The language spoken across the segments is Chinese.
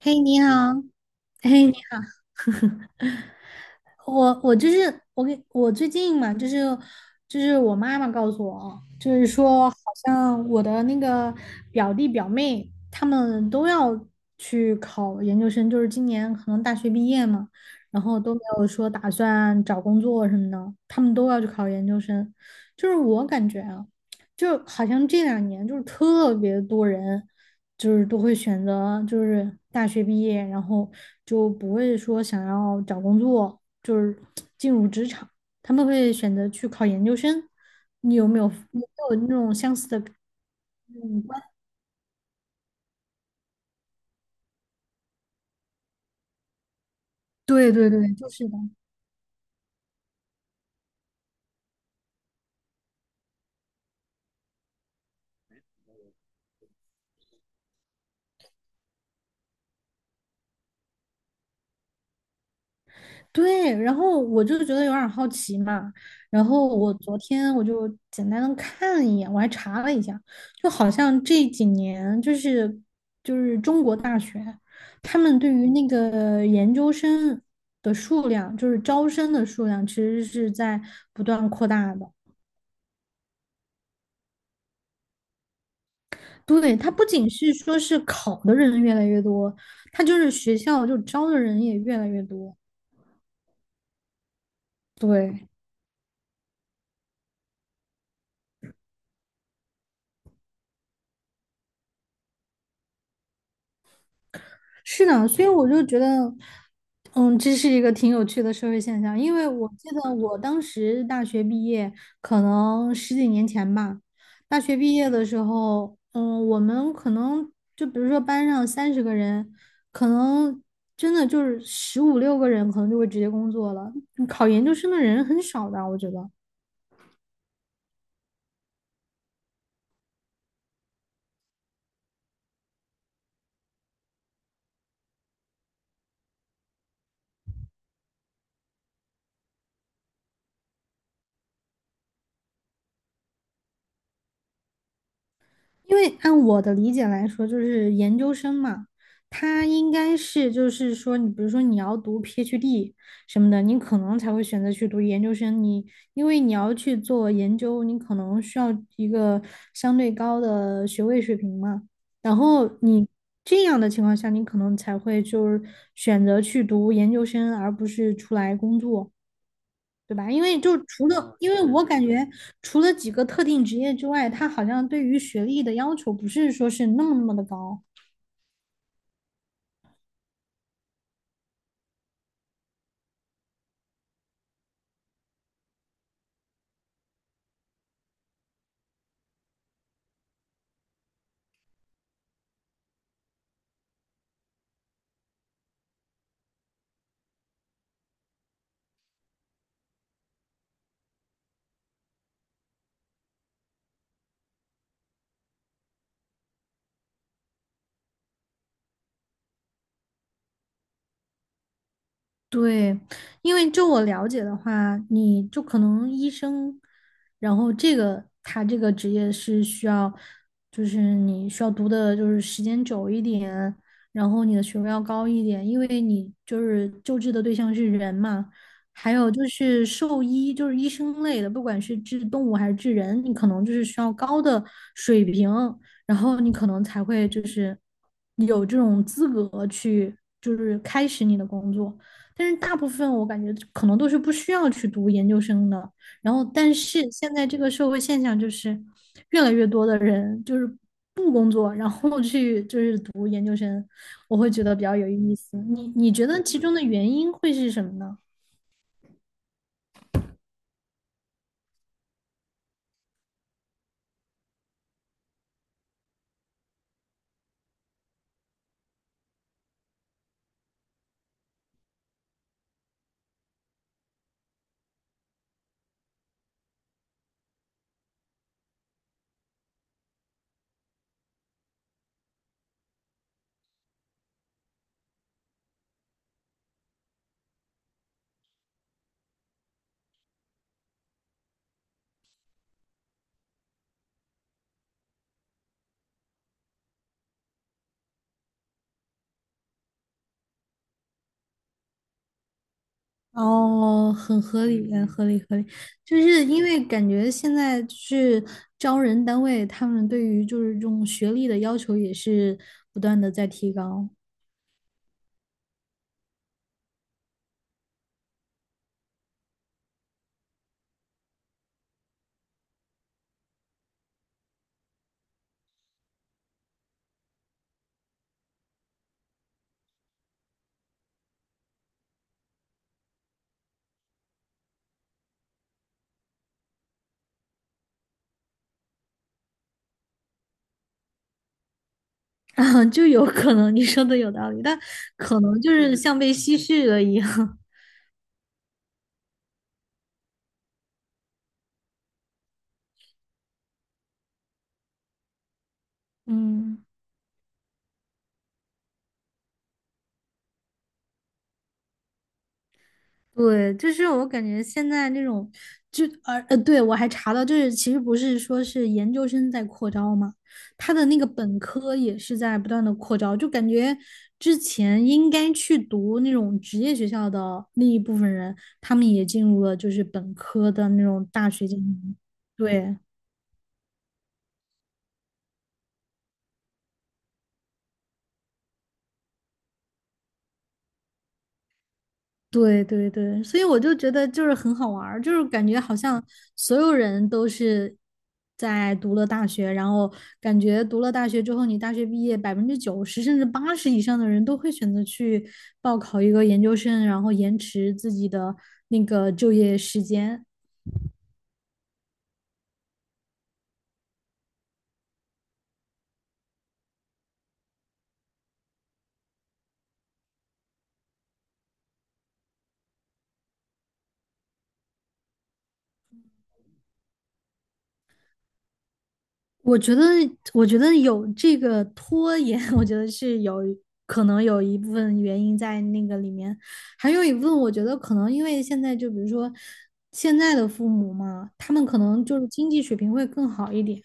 嘿，你好。嘿，你好。我就是我最近嘛，就是我妈妈告诉我，就是说好像我的那个表弟表妹他们都要去考研究生，就是今年可能大学毕业嘛，然后都没有说打算找工作什么的，他们都要去考研究生，就是我感觉啊。就好像这两年就是特别多人，就是都会选择就是大学毕业，然后就不会说想要找工作，就是 进入职场，他们会选择去考研究生。你有没有那种像这种。对对对，就是的。对，然后我就觉得有点儿好奇嘛，然后我昨天我就简单的看了一眼，我还查了一下，就好像这几年就是中国大学，他们对于那个研究生的数量，就是招生的数量，其实是在不断扩大的。对，它不仅是说是考的人越来越多，它就是学校就招的人也越来越多。对。是的，所以我就觉得，这是一个挺有趣的社会现象。因为我记得我当时大学毕业，可能十几年前吧。大学毕业的时候，我们可能就比如说班上30个人，可能真的就是十五六个人，可能就会直接工作了。考研究生的人很少的，我觉得。因为按我的理解来说，就是研究生嘛，他应该是就是说，你比如说你要读 PhD 什么的，你可能才会选择去读研究生。因为你要去做研究，你可能需要一个相对高的学位水平嘛。然后你这样的情况下，你可能才会就是选择去读研究生，而不是出来工作。对吧？因为我感觉除了几个特定职业之外，它好像对于学历的要求不是说是那么那么的高。对，因为就我了解的话，你就可能医生，然后这个他这个职业是需要，就是你需要读的就是时间久一点，然后你的学位要高一点，因为你就是救治的对象是人嘛。还有就是兽医，就是医生类的，不管是治动物还是治人，你可能就是需要高的水平，然后你可能才会就是有这种资格去就是开始你的工作。但是大部分我感觉可能都是不需要去读研究生的。然后，但是现在这个社会现象就是越来越多的人就是不工作，然后去就是读研究生，我会觉得比较有意思。你觉得其中的原因会是什么呢？哦，很合理，很合理，合理。就是因为感觉现在就是招人单位，他们对于就是这种学历的要求也是不断的在提高。啊，就有可能你说的有道理，但可能就是像被稀释了一样。嗯，对，就是我感觉现在那种，就对，我还查到，就是其实不是说是研究生在扩招嘛，他的那个本科也是在不断的扩招，就感觉之前应该去读那种职业学校的那一部分人，他们也进入了就是本科的那种大学进行。对。对对对，所以我就觉得就是很好玩儿，就是感觉好像所有人都是在读了大学，然后感觉读了大学之后，你大学毕业90%甚至80%以上的人都会选择去报考一个研究生，然后延迟自己的那个就业时间。我觉得，我觉得有这个拖延，我觉得是有可能有一部分原因在那个里面，还有一部分我觉得可能因为现在就比如说现在的父母嘛，他们可能就是经济水平会更好一点。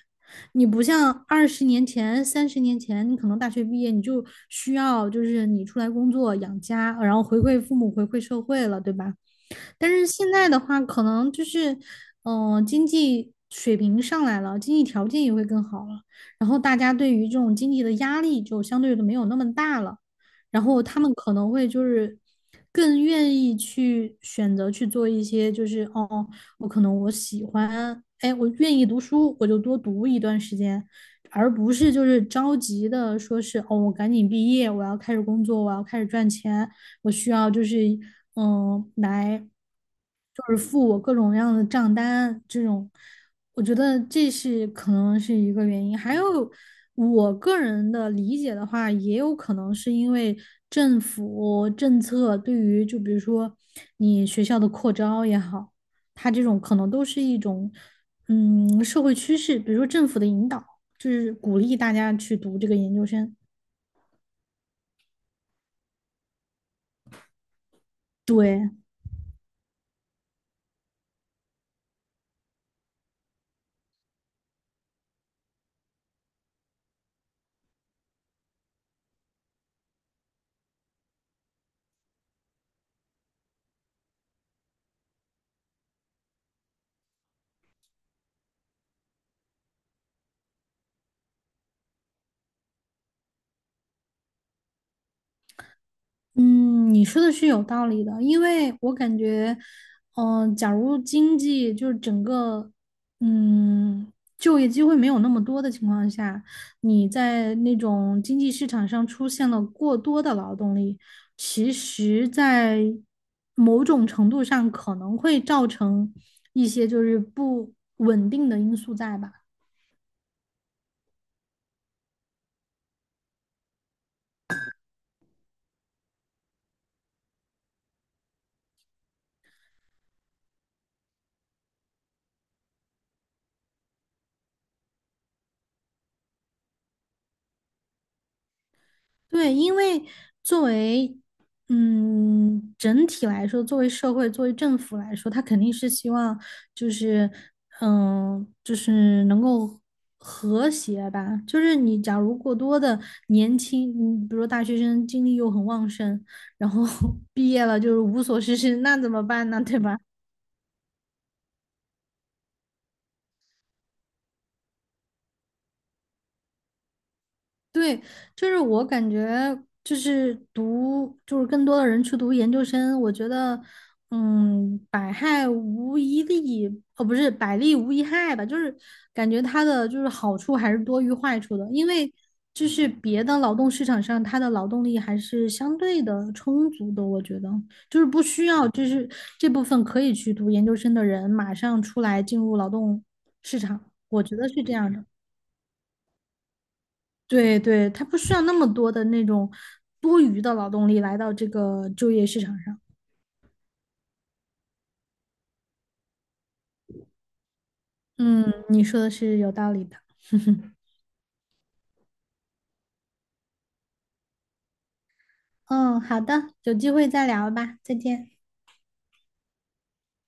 你不像20年前、30年前，你可能大学毕业你就需要就是你出来工作养家，然后回馈父母、回馈社会了，对吧？但是现在的话，可能就是，经济水平上来了，经济条件也会更好了，然后大家对于这种经济的压力就相对的没有那么大了，然后他们可能会就是更愿意去选择去做一些，就是哦，我可能我喜欢，哎，我愿意读书，我就多读一段时间。而不是就是着急的说是哦，我赶紧毕业，我要开始工作，我要开始赚钱，我需要就是来就是付我各种各样的账单这种，我觉得这是可能是一个原因。还有我个人的理解的话，也有可能是因为政府政策对于就比如说你学校的扩招也好，它这种可能都是一种社会趋势，比如说政府的引导。就是鼓励大家去读这个研究生。嗯，你说的是有道理的，因为我感觉，假如经济就是整个，嗯，就业机会没有那么多的情况下，你在那种经济市场上出现了过多的劳动力，其实，在某种程度上可能会造成一些就是不稳定的因素在吧。对，因为作为整体来说，作为社会、作为政府来说，他肯定是希望就是就是能够和谐吧。就是你假如过多的年轻，比如说大学生精力又很旺盛，然后 毕业了就是无所事事，那怎么办呢？对吧？对，就是我感觉，就是读，就是更多的人去读研究生，我觉得，百害无一利，哦，不是百利无一害吧，就是感觉它的就是好处还是多于坏处的，因为就是别的劳动市场上，它的劳动力还是相对的充足的，我觉得就是不需要，就是这部分可以去读研究生的人马上出来进入劳动市场，我觉得是这样的。对对，他不需要那么多的那种多余的劳动力来到这个就业市场上。嗯，你说的是有道理的。嗯，好的，有机会再聊吧，再见。